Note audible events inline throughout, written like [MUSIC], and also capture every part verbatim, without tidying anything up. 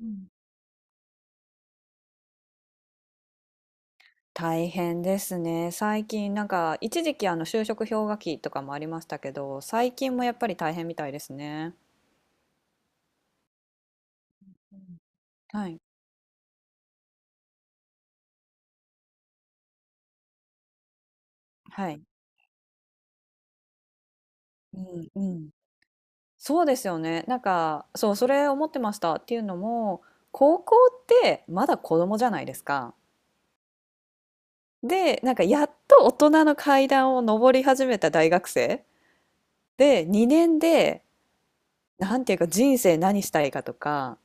うん。大変ですね。最近なんか一時期あの就職氷河期とかもありましたけど、最近もやっぱり大変みたいですね。うん。はい。はい。うんうん。そうですよね。なんか、そう、それ思ってました。っていうのも、高校ってまだ子供じゃないですか。で、なんかやっと大人の階段を上り始めた大学生で、にねんで、なんていうか人生何したいかとか、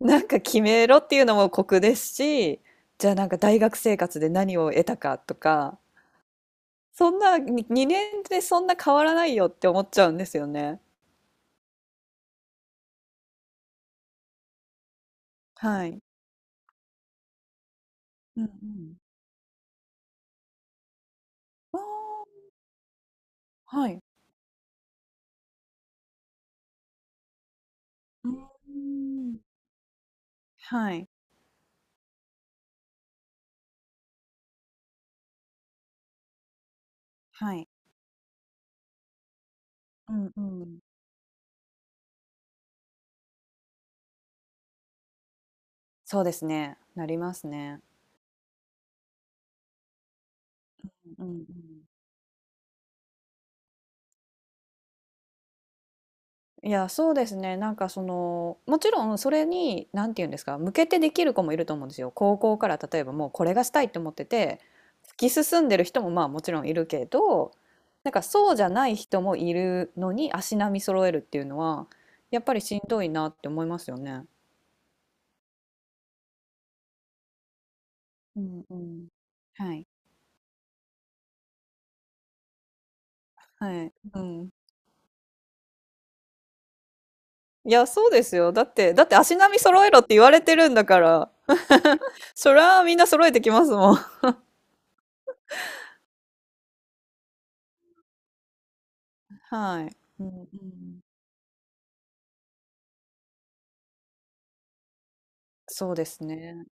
なんか決めろっていうのも酷ですし、じゃあなんか大学生活で何を得たかとか、そんなににねんでそんな変わらないよって思っちゃうんですよね。はい。うんうん。ああ、はい。うーん。はい、はい。うんうん。そうですね、なりますね。うんうん。いや、そうですね。なんかその、もちろんそれに、なんて言うんですか、向けてできる子もいると思うんですよ。高校から例えばもうこれがしたいって思ってて、突き進んでる人もまあもちろんいるけど、なんかそうじゃない人もいるのに足並み揃えるっていうのは、やっぱりしんどいなって思いますよね。うんうん。はい。はい。うん。いや、そうですよ。だって、だって足並み揃えろって言われてるんだから、そりゃみんな揃えてきますもん。[LAUGHS] はい。うんうん。そうですね。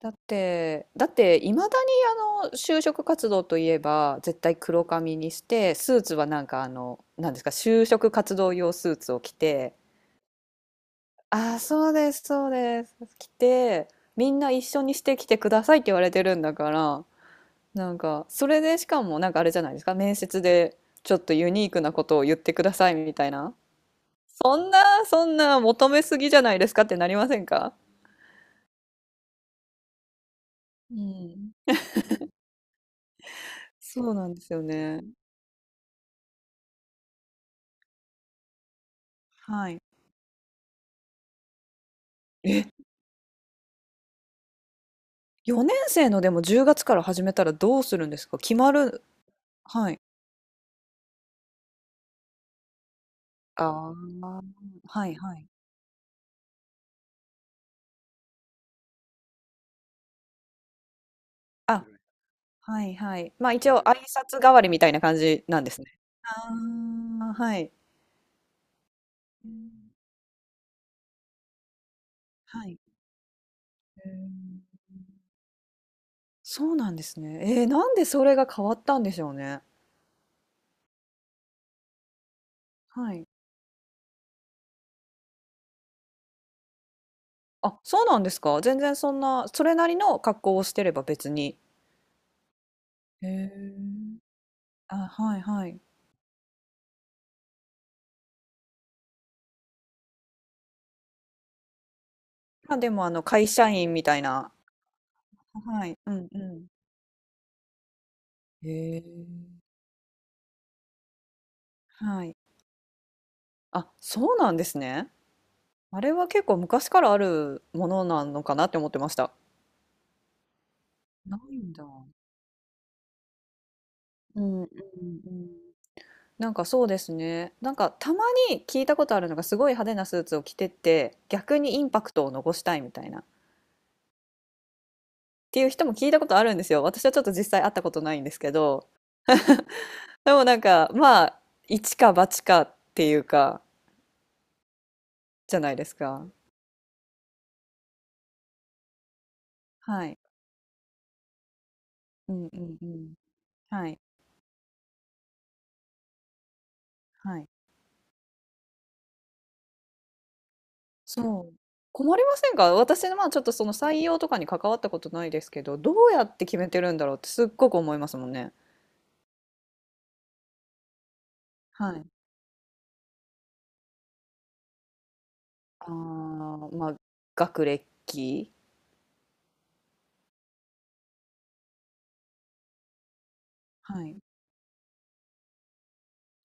だって、だっていまだにあの就職活動といえば絶対黒髪にしてスーツはなんかあのなんですか就職活動用スーツを着て「ああそうですそうです」着て、みんな一緒にしてきてくださいって言われてるんだから、なんかそれでしかもなんかあれじゃないですか、面接でちょっとユニークなことを言ってくださいみたいな、そんなそんな求めすぎじゃないですかってなりませんか？うん、そうなんですよね。はい。よねん生のでもじゅうがつから始めたらどうするんですか？決まる。はい。ああ、はいはい。あ、はいはい。ま、一応挨拶代わりみたいな感じなんですね。ああ、はい。うん。はい。えーそうなんですね。えーなんでそれが変わったんでしょうね。はい。あ、そうなんですか？全然そんな、それなりの格好をしてれば別に。へえ。あ、はいはい。ま、でもあの、会社員みたいな。はい、うんうん。へえ。はい。あ、そうなんですね。あれは結構昔からあるものなのかなって思ってました。ないんだ。うんうんうん。なんかそうですね。なんかたまに聞いたことあるのがすごい派手なスーツを着てて逆にインパクトを残したいみたいなっていう人も聞いたことあるんですよ。私はちょっと実際会ったことないんですけど。でもなんかまあ一か八かっていうかじゃないですか。はい。うんうんうん。はい。はい。そう。困りませんか？私の、まあ、ちょっとその採用とかに関わったことないですけど、どうやって決めてるんだろうってすっごく思いますもんね。はい。ああ、まあ、学歴？はい。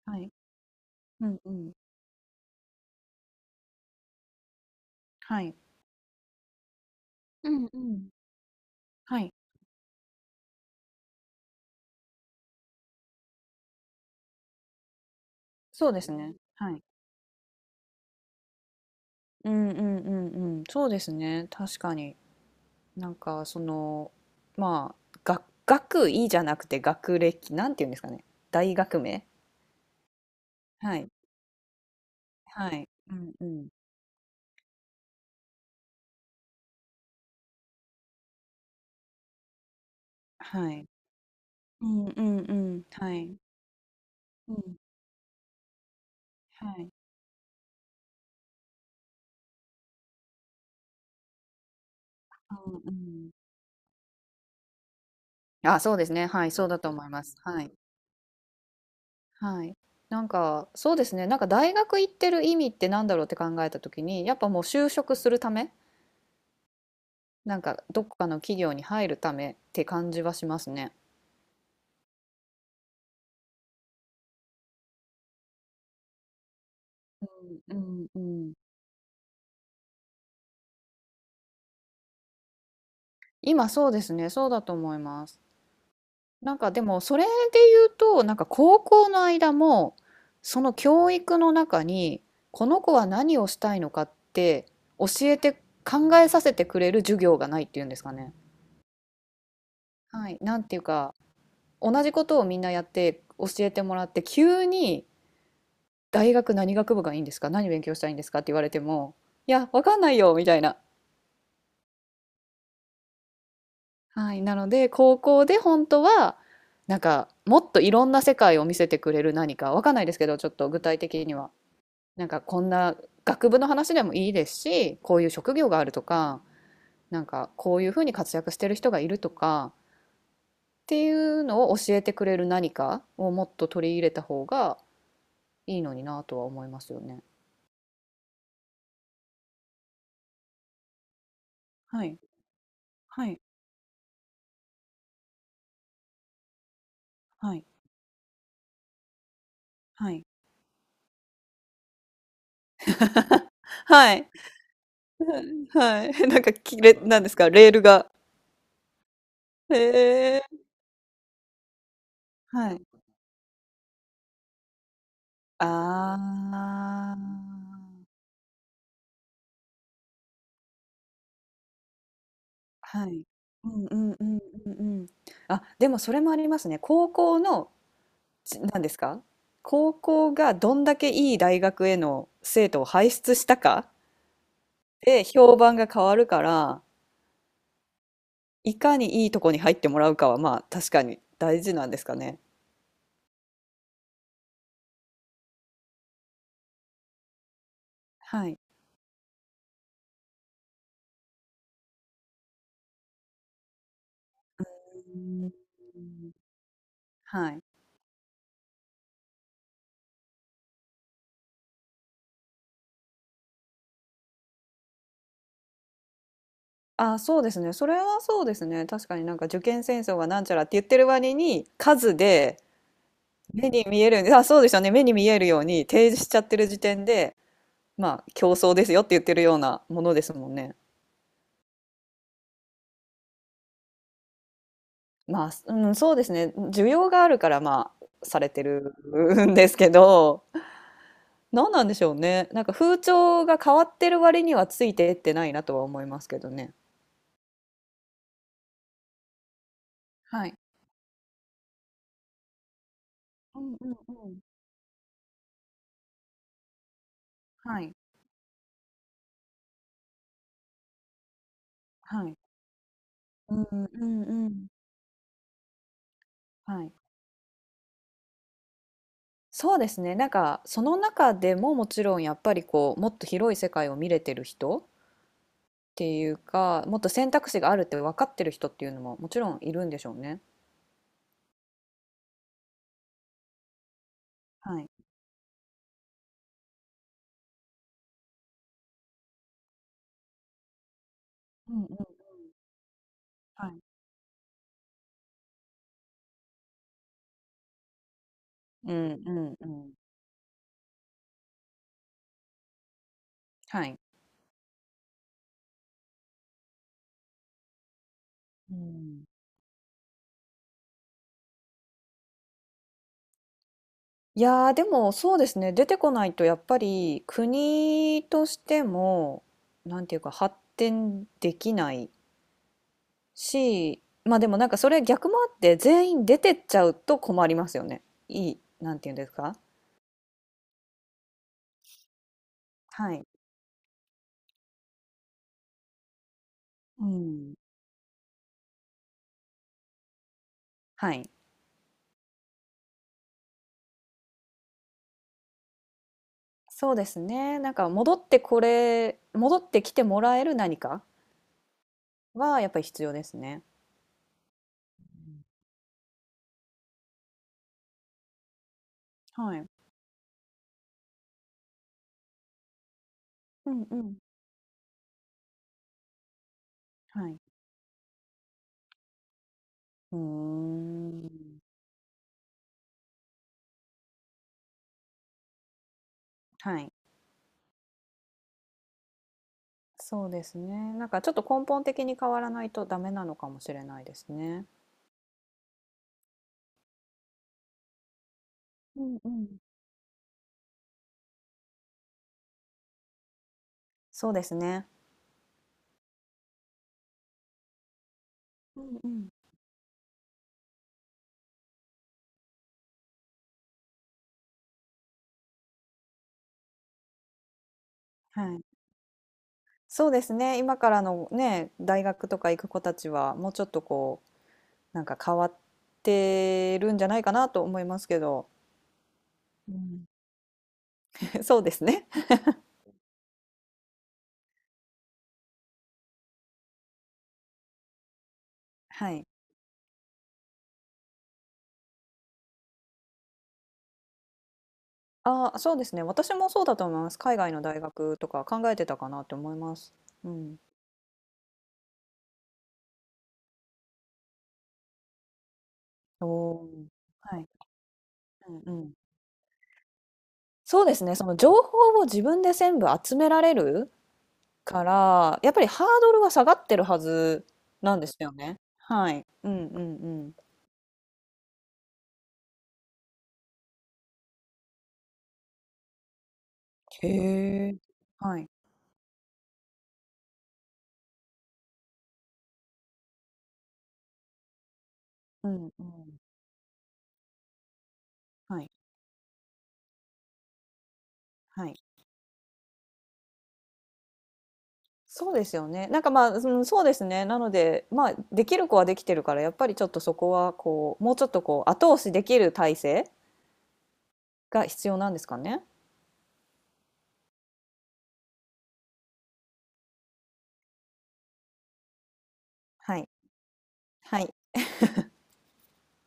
はい。うんうん。はい。うんうん。はい。そうですね。はい。うんうんうんうん。そうですね、確かに。なんかその、まあ、学学位じゃなくて学歴、なんて言うんですかね、大学名？はい。はい。うんうん。はい。うんうんうん。はい。うん。はい。うん、うん。あ、そうですね。はい、そうだと思います。はい。はい。なんか、そうですね。なんか大学行ってる意味ってなんだろうって考えた時に、やっぱもう就職するため、なんかどっかの企業に入るためって感じはしますね。うんうんうん。今そうですね。そうだと思います。なんかでもそれで言うと、なんか高校の間も、その教育の中にこの子は何をしたいのかって教えて考えさせてくれる授業がないっていうんですかね。はい、なんていうか同じことをみんなやって教えてもらって急に大学何学部がいいんですか、何勉強したいいんですかって言われても、いやわかんないよみたいな。はい、なので高校で本当はなんかもっといろんな世界を見せてくれる何か、わかんないですけどちょっと具体的には。なんかこんな学部の話でもいいですし、こういう職業があるとか、なんかこういうふうに活躍してる人がいるとかっていうのを教えてくれる何かをもっと取り入れた方がいいのになとは思いますよね。はい、はい、はい、はい。はい。[LAUGHS] はい。[LAUGHS] なんか、きれなんですか、レールが。へえ。はい。ああ。はい。うんうんうんうんうん。あ、でもそれもありますね。高校のちなんですか、高校がどんだけいい大学への生徒を輩出したかで評判が変わるから、いかにいいとこに入ってもらうかはまあ確かに大事なんですかね。はい。うん。はい。あ、そうですね。それはそうですね。確かになんか受験戦争がなんちゃらって言ってる割に数で目に見える、あ、そうですよね。目に見えるように提示しちゃってる時点で、まあ競争ですよって言ってるようなものですもんね。まあ、す [LAUGHS] うん、そうですね。需要があるから、まあ、されてる [LAUGHS] んですけど、[LAUGHS] 何なんでしょうね。なんか風潮が変わってる割にはついてってないなとは思いますけどね。はい。うんうんうん。はい。はい。うんうんうんうん。はい。そうですね。なんかその中でももちろんやっぱりこうもっと広い世界を見れてる人っていうか、もっと選択肢があるって分かってる人っていうのももちろんいるんでしょうね。はい。うんうん。はい。うんうんうん。はい。うん、いやーでもそうですね、出てこないとやっぱり国としてもなんていうか発展できないし、まあでもなんかそれ逆もあって全員出てっちゃうと困りますよね。いいなんていうんですか。はい、うん、はい。そうですね、なんか戻ってこれ戻ってきてもらえる何かはやっぱり必要ですね。はい、うんうん、はい、うーん、はい。そうですね。なんかちょっと根本的に変わらないとダメなのかもしれないですね。うんうん。そうですね。うんうん。はい。そうですね。今からのね、大学とか行く子たちは、もうちょっとこう、なんか変わってるんじゃないかなと思いますけど。うん [LAUGHS]。そうですね。[LAUGHS] はい。ああ、そうですね。私もそうだと思います。海外の大学とか考えてたかなって思います。うん。おお。はい。うんうん。そうですね。その情報を自分で全部集められるから、やっぱりハードルは下がってるはずなんですよね。はい。うんうんうん。へえ。はい。うんうん。はい、はい。そうですよね。なんか、まあ、その、そうですね。なので、まあ、できる子はできてるから、やっぱりちょっとそこはこう、もうちょっとこう、後押しできる体制が必要なんですかね。はい。はい。